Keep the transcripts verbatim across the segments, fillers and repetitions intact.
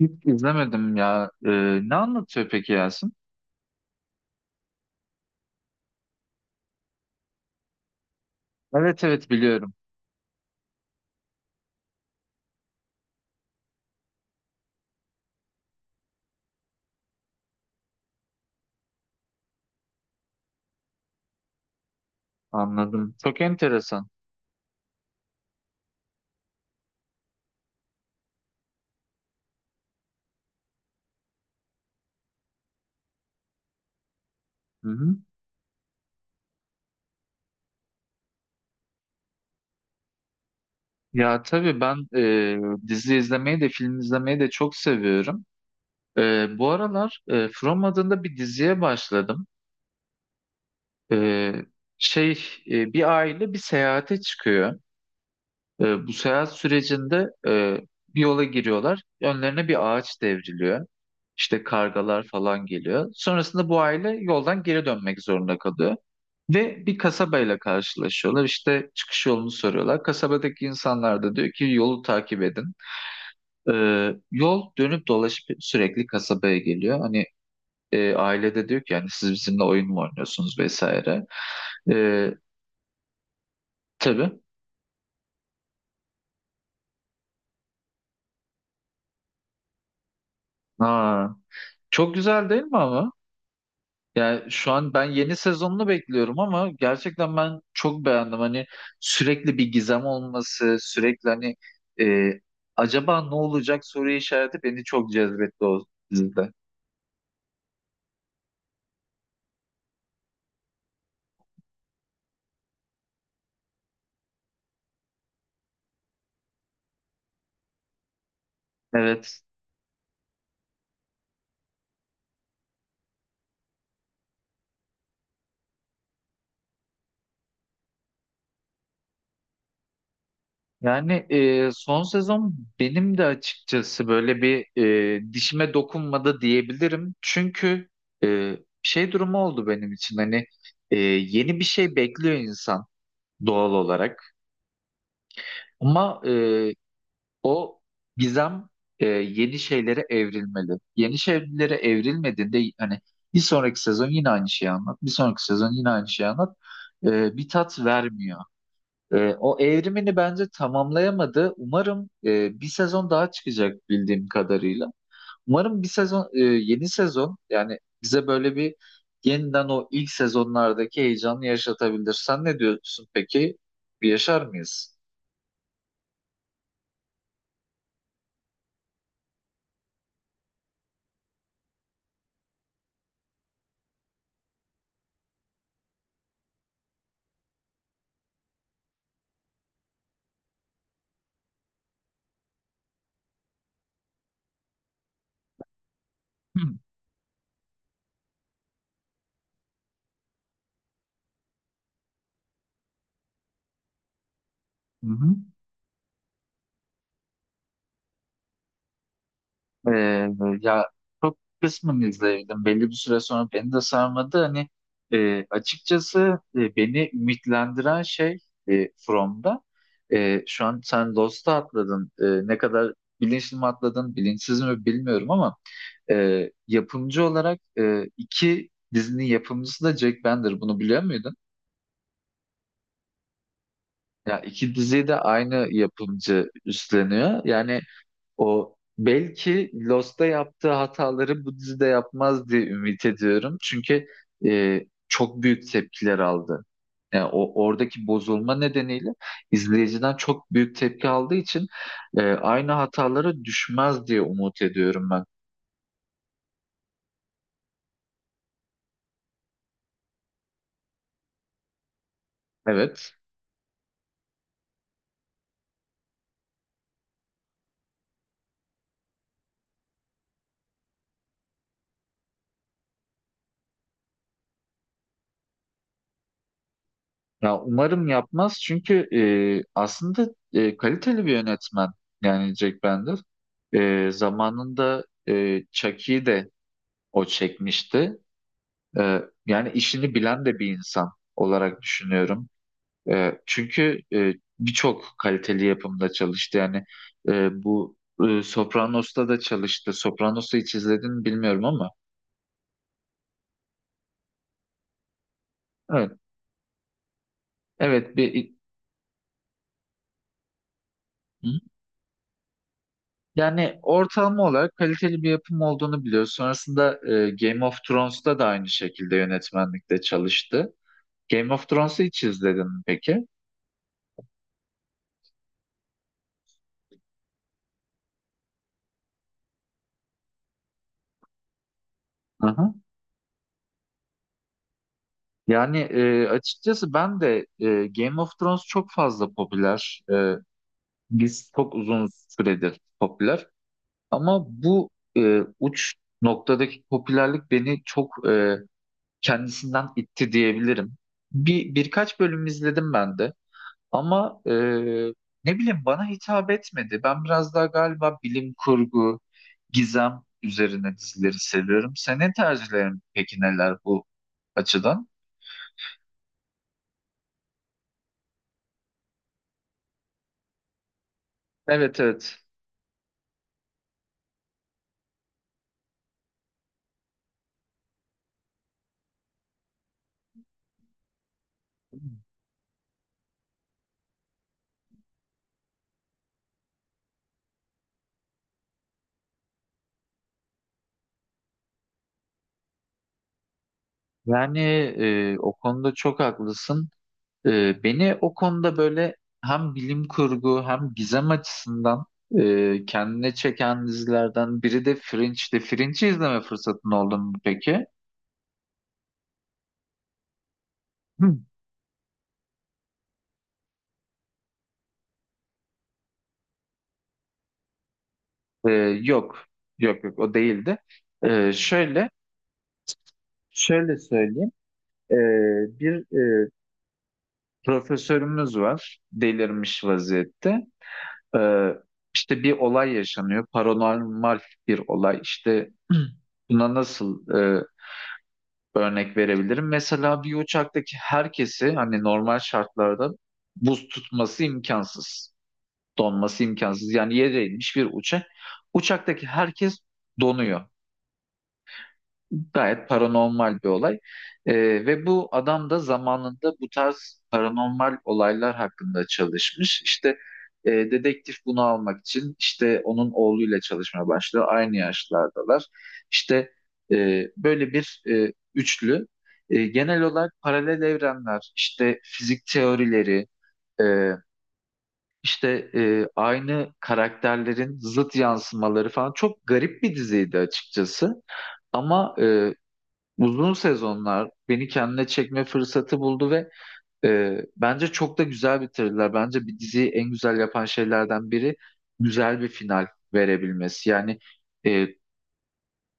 Hiç izlemedim ya. Ee, ne anlatıyor peki Yasin? Evet evet biliyorum. Anladım. Çok enteresan. Hı hı. Ya tabii ben e, dizi izlemeyi de film izlemeyi de çok seviyorum. E, bu aralar e, From adında bir diziye başladım. E, şey e, bir aile bir seyahate çıkıyor. E, bu seyahat sürecinde e, bir yola giriyorlar. Önlerine bir ağaç devriliyor. İşte kargalar falan geliyor. Sonrasında bu aile yoldan geri dönmek zorunda kalıyor. Ve bir kasabayla karşılaşıyorlar. İşte çıkış yolunu soruyorlar. Kasabadaki insanlar da diyor ki yolu takip edin. Ee, yol dönüp dolaşıp sürekli kasabaya geliyor. Hani e, ailede diyor ki yani siz bizimle oyun mu oynuyorsunuz vesaire. Ee, tabii. Aa, çok güzel değil mi? Yani şu an ben yeni sezonunu bekliyorum ama gerçekten ben çok beğendim. Hani sürekli bir gizem olması, sürekli hani e, acaba ne olacak soru işareti beni çok cezbetti o dizide. Evet. Yani e, son sezon benim de açıkçası böyle bir e, dişime dokunmadı diyebilirim. Çünkü e, şey durumu oldu benim için hani e, yeni bir şey bekliyor insan doğal olarak. Ama e, O gizem e, yeni şeylere evrilmeli. Yeni şeylere evrilmediğinde hani bir sonraki sezon yine aynı şeyi anlat. Bir sonraki sezon yine aynı şeyi anlat. E, bir tat vermiyor. E, o evrimini bence tamamlayamadı. Umarım e, bir sezon daha çıkacak bildiğim kadarıyla. Umarım bir sezon e, yeni sezon yani bize böyle bir yeniden o ilk sezonlardaki heyecanı yaşatabilir. Sen ne diyorsun peki? Bir Yaşar mıyız? Hı hı. Ee, ya çok kısmen izleyebildim. Belli bir süre sonra beni de sarmadı. Hani e, açıkçası e, beni ümitlendiren şey e, From'da. E, şu an sen Lost'a atladın. E, ne kadar bilinçli mi atladın, bilinçsiz mi bilmiyorum ama e, yapımcı olarak e, iki dizinin yapımcısı da Jack Bender. Bunu biliyor muydun? Ya iki diziyi de aynı yapımcı üstleniyor. Yani O belki Lost'ta yaptığı hataları bu dizide yapmaz diye ümit ediyorum. Çünkü e, çok büyük tepkiler aldı. Yani o oradaki bozulma nedeniyle izleyiciden çok büyük tepki aldığı için e, aynı hatalara düşmez diye umut ediyorum ben. Evet. Ya umarım yapmaz çünkü e, aslında e, kaliteli bir yönetmen yani Jack Bender. E, zamanında e, Chucky'yi de o çekmişti. Ee, yani işini bilen de bir insan olarak düşünüyorum. Ee, çünkü e, birçok kaliteli yapımda çalıştı. Yani e, bu e, Sopranos'ta da çalıştı. Sopranos'u hiç izledin mi bilmiyorum ama. Evet, evet bir. Hı? Yani ortalama olarak kaliteli bir yapım olduğunu biliyoruz. Sonrasında e, Game of Thrones'ta da aynı şekilde yönetmenlikte çalıştı. Game of Thrones'u hiç izledin mi peki? Hı hı. Yani e, açıkçası ben de e, Game of Thrones çok fazla popüler. E, biz çok uzun süredir popüler. Ama bu e, uç noktadaki popülerlik beni çok e, kendisinden itti diyebilirim. Bir birkaç bölüm izledim ben de. Ama e, ne bileyim bana hitap etmedi. Ben biraz daha galiba bilim kurgu, gizem üzerine dizileri seviyorum. Senin tercihlerin peki neler bu açıdan? Evet evet. Yani e, o konuda çok haklısın. E, beni o konuda böyle hem bilim kurgu hem gizem açısından e, kendine çeken dizilerden biri de Fringe'ti. Fringe'i izleme fırsatın oldu mu peki? Hı. E, yok. Yok yok o değildi. E, şöyle şöyle söyleyeyim. E, bir e, profesörümüz var. Delirmiş vaziyette. Ee, işte bir olay yaşanıyor. Paranormal bir olay. İşte buna nasıl e, örnek verebilirim? Mesela bir uçaktaki herkesi hani normal şartlarda buz tutması imkansız. Donması imkansız. Yani yere inmiş bir uçak. Uçaktaki herkes donuyor. Gayet paranormal bir olay. Ee, ve bu adam da zamanında bu tarz paranormal olaylar hakkında çalışmış. İşte e, dedektif bunu almak için işte onun oğluyla çalışmaya başlıyor. Aynı yaşlardalar. İşte e, böyle bir e, üçlü. E, genel olarak paralel evrenler, işte fizik teorileri, e, işte e, aynı karakterlerin zıt yansımaları falan çok garip bir diziydi açıkçası. Ama e, Uzun sezonlar beni kendine çekme fırsatı buldu ve e, bence çok da güzel bitirdiler. Bence bir diziyi en güzel yapan şeylerden biri güzel bir final verebilmesi. Yani e,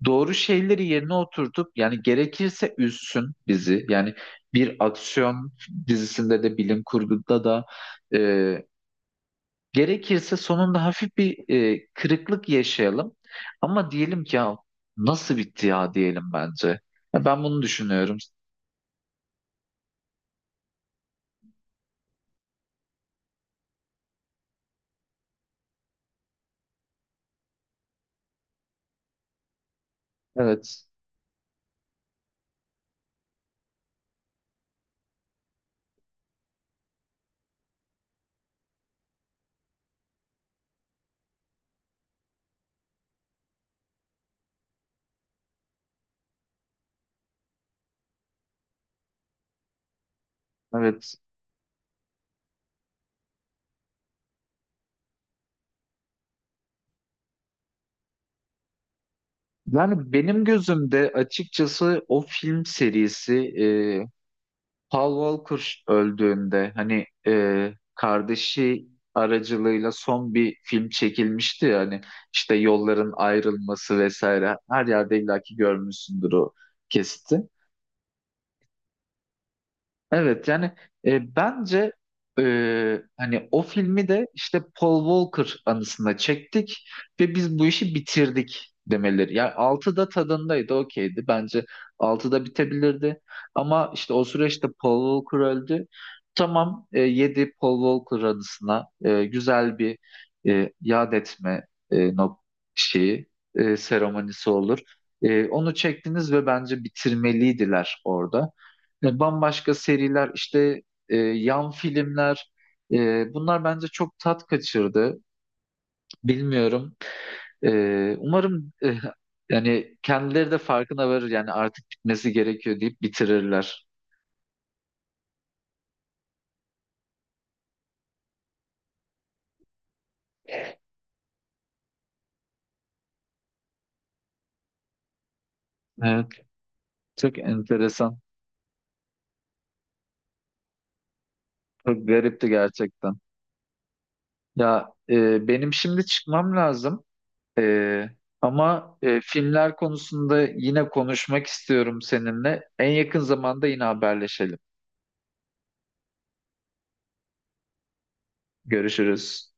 doğru şeyleri yerine oturtup yani gerekirse üzsün bizi. Yani bir aksiyon dizisinde de bilim kurguda da e, gerekirse sonunda hafif bir e, kırıklık yaşayalım. Ama diyelim ki ya nasıl bitti ya diyelim bence. Ya Ben bunu düşünüyorum. Evet. Evet. Yani benim gözümde açıkçası o film serisi e, Paul Walker öldüğünde hani e, kardeşi aracılığıyla son bir film çekilmişti ya hani işte yolların ayrılması vesaire her yerde illaki görmüşsündür o kesiti. Evet yani e, bence e, hani o filmi de işte Paul Walker anısına çektik ve biz bu işi bitirdik demeleri. Yani altıda tadındaydı okeydi bence altıda bitebilirdi ama işte o süreçte Paul Walker öldü. Tamam e, yedi Paul Walker anısına e, güzel bir e, yad etme e, nok- şeyi e, seremonisi olur. E, onu çektiniz ve bence bitirmeliydiler orada. E, Bambaşka seriler işte e, yan filmler e, bunlar bence çok tat kaçırdı. Bilmiyorum. E, umarım e, yani kendileri de farkına varır yani artık bitmesi gerekiyor deyip bitirirler. Evet, çok enteresan. Çok garipti gerçekten. Ya e, benim şimdi çıkmam lazım. E, ama e, filmler konusunda yine konuşmak istiyorum seninle. En yakın zamanda yine haberleşelim. Görüşürüz.